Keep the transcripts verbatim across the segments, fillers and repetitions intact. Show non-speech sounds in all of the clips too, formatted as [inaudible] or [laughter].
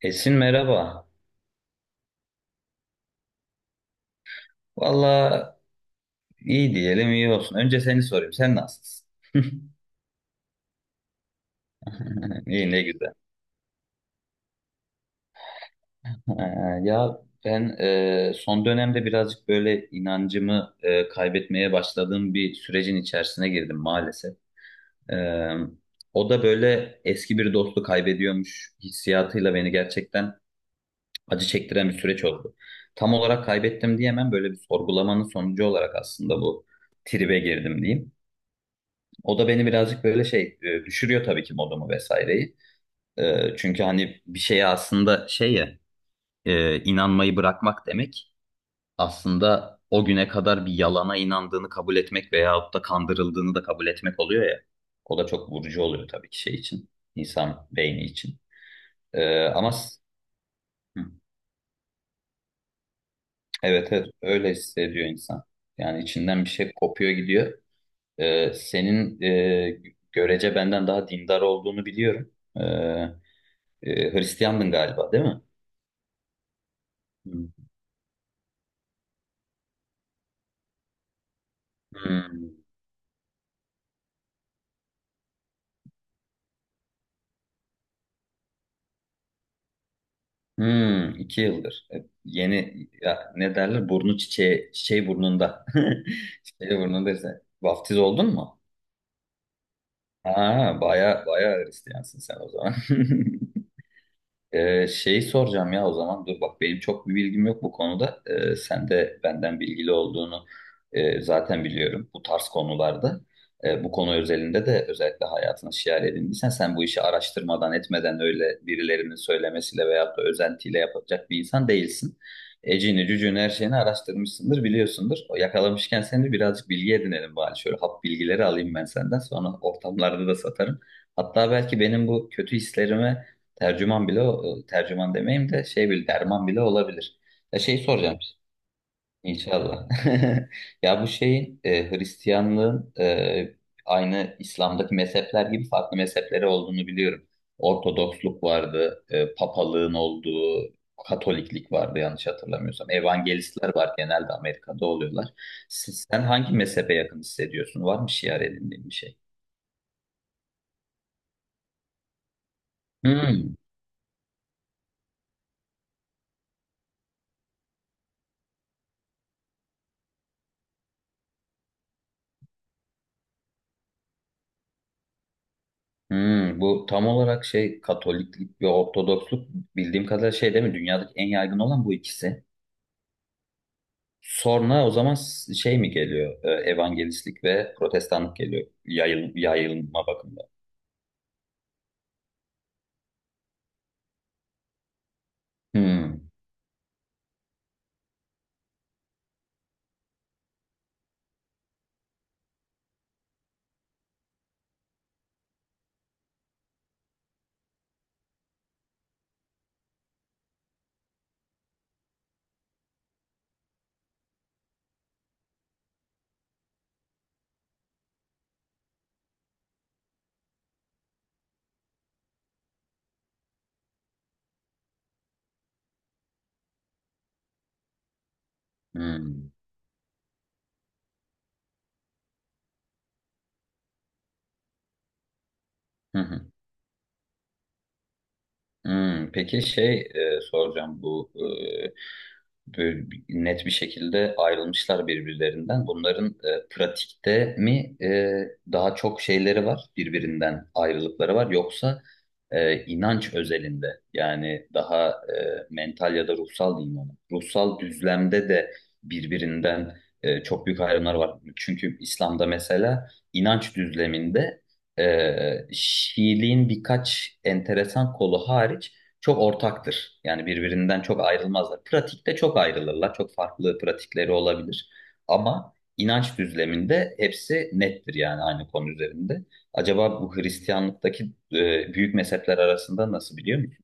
Esin merhaba. Valla iyi diyelim iyi olsun. Önce seni sorayım. Sen nasılsın? [laughs] İyi ne güzel. Ee, ya ben e, son dönemde birazcık böyle inancımı e, kaybetmeye başladığım bir sürecin içerisine girdim maalesef. Ee, O da böyle eski bir dostu kaybediyormuş hissiyatıyla beni gerçekten acı çektiren bir süreç oldu. Tam olarak kaybettim diyemem, böyle bir sorgulamanın sonucu olarak aslında bu tribe girdim diyeyim. O da beni birazcık böyle şey e, düşürüyor tabii ki, modumu vesaireyi. E, çünkü hani bir şeye aslında şey ya e, inanmayı bırakmak demek aslında o güne kadar bir yalana inandığını kabul etmek veyahut da kandırıldığını da kabul etmek oluyor ya. O da çok vurucu oluyor tabii ki şey için, insan beyni için. E, ama s- hı, evet, evet, öyle hissediyor insan. Yani içinden bir şey kopuyor gidiyor. E, senin e, görece benden daha dindar olduğunu biliyorum. E, Ee, Hristiyandın galiba, değil mi? Hmm. Hmm. Hmm, iki yıldır. E, Yeni, ya ne derler? Burnu çiçeği, çiçeği burnunda. [laughs] Çiçeği burnunda ise. Vaftiz oldun mu? Ha, baya baya Hristiyansın sen o zaman. [laughs] Ee, şey soracağım ya o zaman, dur bak, benim çok bir bilgim yok bu konuda. Ee, sen de benden bilgili olduğunu e, zaten biliyorum bu tarz konularda. Ee, bu konu özelinde de özellikle hayatına şiar edindiysen sen, bu işi araştırmadan etmeden öyle birilerinin söylemesiyle veyahut da özentiyle yapacak bir insan değilsin. Ecini cücüğünü her şeyini araştırmışsındır, biliyorsundur. O yakalamışken seni birazcık bilgi edinelim bari, şöyle hap bilgileri alayım ben, senden sonra ortamlarda da satarım. Hatta belki benim bu kötü hislerime tercüman bile, o- e, tercüman demeyeyim de şey bile, derman bile olabilir. Ya şey soracağım, inşallah. [laughs] Ya bu şeyin e, Hristiyanlığın e, aynı İslam'daki mezhepler gibi farklı mezhepleri olduğunu biliyorum. Ortodoksluk vardı, e, papalığın olduğu, Katoliklik vardı yanlış hatırlamıyorsam. Evangelistler var, genelde Amerika'da oluyorlar. Siz- sen hangi mezhebe yakın hissediyorsun? Var mı şiar edindiğin bir şey? Hmm. Hmm, bu tam olarak şey Katoliklik ve Ortodoksluk, bildiğim kadarıyla şey değil mi? Dünyadaki en yaygın olan bu ikisi. Sonra o zaman s- şey mi geliyor? Ee, Evangelistlik ve Protestanlık geliyor. Yayıl, yayılma bakımından. Hmm, hmm, hı hı, hmm. Peki şey e, soracağım, bu e, böyle bir- net bir şekilde ayrılmışlar birbirlerinden. Bunların e, pratikte mi e, daha çok şeyleri var, birbirinden ayrılıkları var, yoksa e, inanç özelinde, yani daha e, mental ya da ruhsal diyeyim ona. Ruhsal düzlemde de birbirinden e, çok büyük ayrımlar var. Çünkü İslam'da mesela inanç düzleminde e, Şiiliğin birkaç enteresan kolu hariç çok ortaktır. Yani birbirinden çok ayrılmazlar. Pratikte çok ayrılırlar. Çok farklı pratikleri olabilir. Ama inanç düzleminde hepsi nettir yani, aynı konu üzerinde. Acaba bu Hristiyanlıktaki e, büyük mezhepler arasında nasıl, biliyor musun?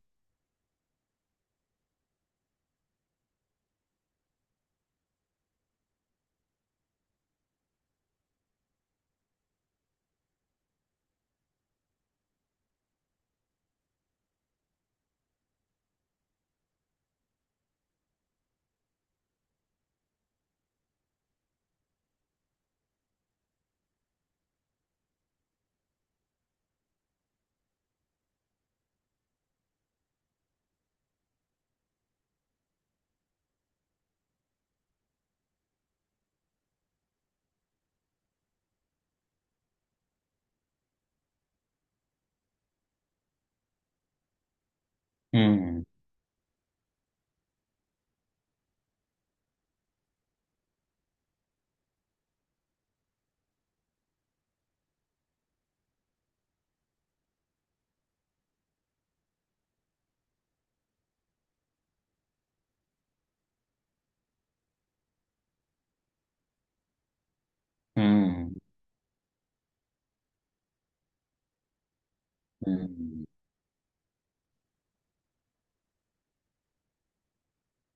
Hmm, hmm, hmm,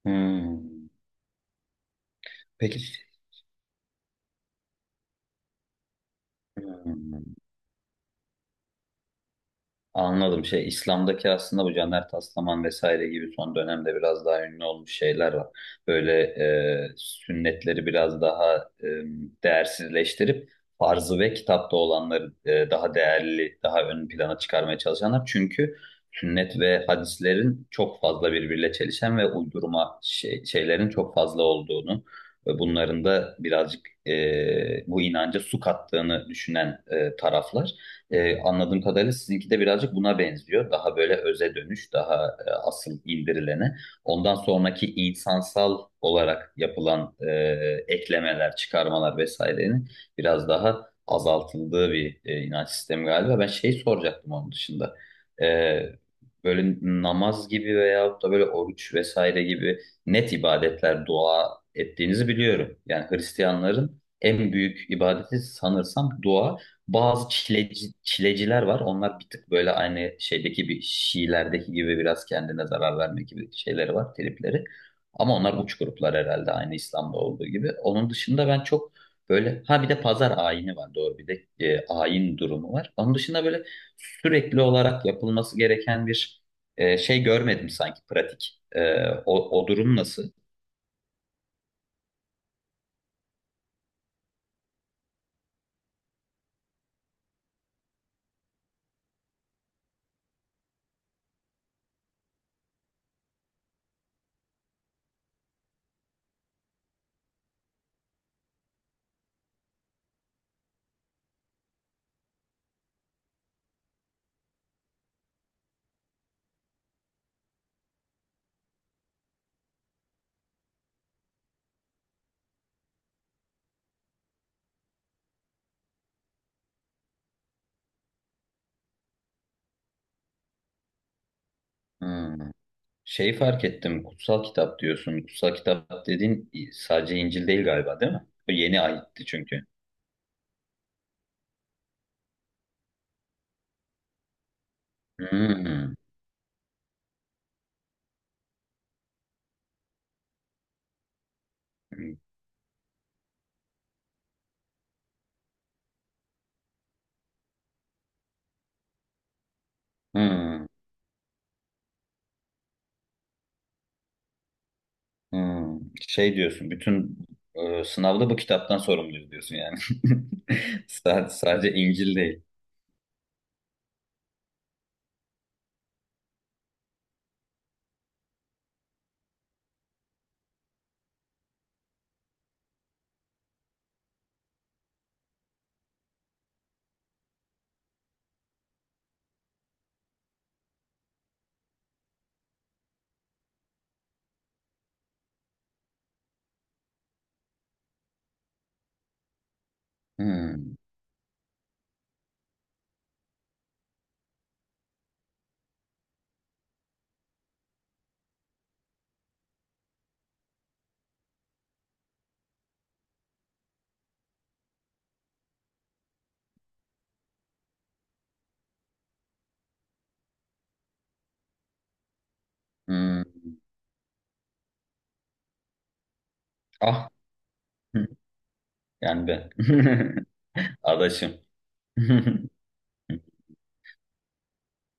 hmm. Peki. Hmm. Anladım. Şey, İslam'daki aslında bu Caner Taslaman vesaire gibi son dönemde biraz daha ünlü olmuş şeyler var. Böyle e, sünnetleri biraz daha e, değersizleştirip farzı ve kitapta olanları e, daha değerli, daha ön plana çıkarmaya çalışanlar. Çünkü sünnet ve hadislerin çok fazla birbiriyle çelişen ve uydurma şey- şeylerin çok fazla olduğunu ve bunların da birazcık e, bu inanca su kattığını düşünen e, taraflar. Ee, anladığım kadarıyla sizinki de birazcık buna benziyor. Daha böyle öze dönüş, daha e, asıl indirilene. Ondan sonraki insansal olarak yapılan e, eklemeler, çıkarmalar vesairenin biraz daha azaltıldığı bir e, inanç sistemi galiba. Ben şey soracaktım onun dışında. Ee, böyle namaz gibi veyahut da böyle oruç vesaire gibi net ibadetler, dua ettiğinizi biliyorum. Yani Hristiyanların en büyük ibadeti sanırsam dua. Bazı çileci, çileciler var. Onlar bir tık böyle aynı şeydeki bir Şiilerdeki gibi biraz kendine zarar verme gibi şeyleri var, tripleri. Ama onlar uç gruplar herhalde, aynı İslam'da olduğu gibi. Onun dışında ben çok böyle, ha bir de pazar ayini var doğru, bir de e, ayin durumu var. Onun dışında böyle sürekli olarak yapılması gereken bir e, şey görmedim sanki pratik. E, o, o durum nasıl? Hmm. Şey fark ettim, kutsal kitap diyorsun. Kutsal kitap dediğin sadece İncil değil galiba, değil mi? O yeni ahitti çünkü. Hmm, hmm, hmm. Şey diyorsun, bütün e, sınavda bu kitaptan sorumluyuz diyorsun yani. [laughs] Sa- Sadece İncil değil. Hmm, hmm. Ah, yani ben. [laughs] Adaşım. [laughs]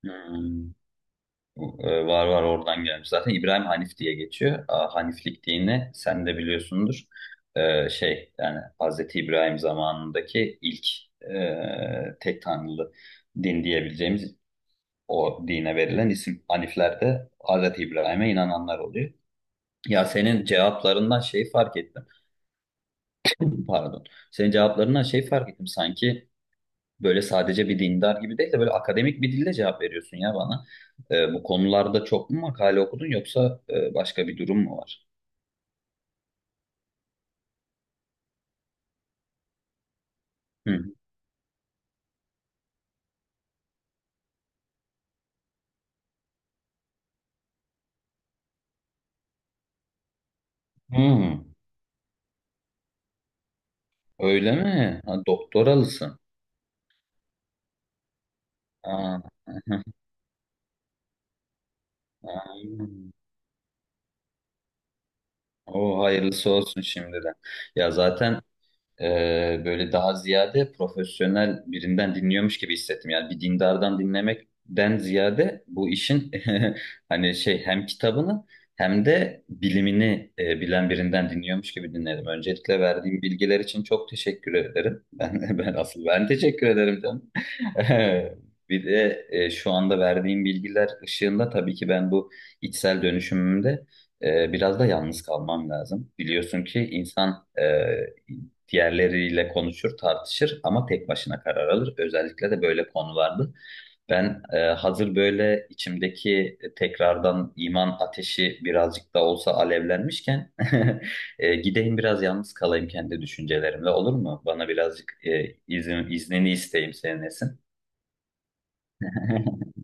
Hmm. Ee, Var var, oradan gelmiş. Zaten İbrahim Hanif diye geçiyor. Aa, Haniflik dini sen de biliyorsundur. Ee, şey yani Hazreti İbrahim zamanındaki ilk e, tek tanrılı din diyebileceğimiz o dine verilen isim, Hanifler de Hazreti İbrahim'e inananlar oluyor. Ya senin cevaplarından şey fark ettim. [laughs] Pardon. Senin cevaplarından şey fark ettim, sanki böyle sadece bir dindar gibi değil de böyle akademik bir dilde cevap veriyorsun ya bana. Ee, bu konularda çok mu makale okudun yoksa e, başka bir durum mu var? Hı. Hmm, öyle mi? Ha, doktoralısın. Aa, [laughs] Aa. O hayırlısı olsun şimdiden. Ya zaten Ee, böyle daha ziyade profesyonel birinden dinliyormuş gibi hissettim. Yani bir dindardan dinlemekten ziyade bu işin [laughs] hani şey, hem kitabını hem de bilimini e, bilen birinden dinliyormuş gibi dinledim. Öncelikle verdiğim bilgiler için çok teşekkür ederim. [laughs] Ben, ben asıl ben teşekkür ederim canım. [laughs] Bir de e, şu anda verdiğim bilgiler ışığında tabii ki ben bu içsel dönüşümümde e, biraz da yalnız kalmam lazım. Biliyorsun ki insan e, diğerleriyle konuşur, tartışır ama tek başına karar alır. Özellikle de böyle konularda. Ben e, hazır böyle içimdeki tekrardan iman ateşi birazcık da olsa alevlenmişken, [laughs] e, gideyim biraz yalnız kalayım kendi düşüncelerimle, olur mu? Bana birazcık e, izin, iznini isteyeyim senin, Esin. [laughs]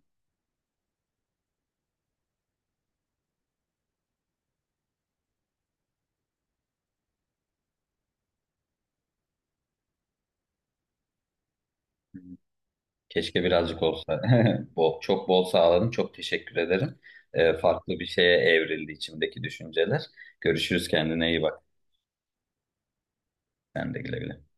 Keşke birazcık olsa. [laughs] Bol, çok bol sağladın. Çok teşekkür ederim. E, farklı bir şeye evrildi içimdeki düşünceler. Görüşürüz, kendine iyi bak. Sen de güle güle.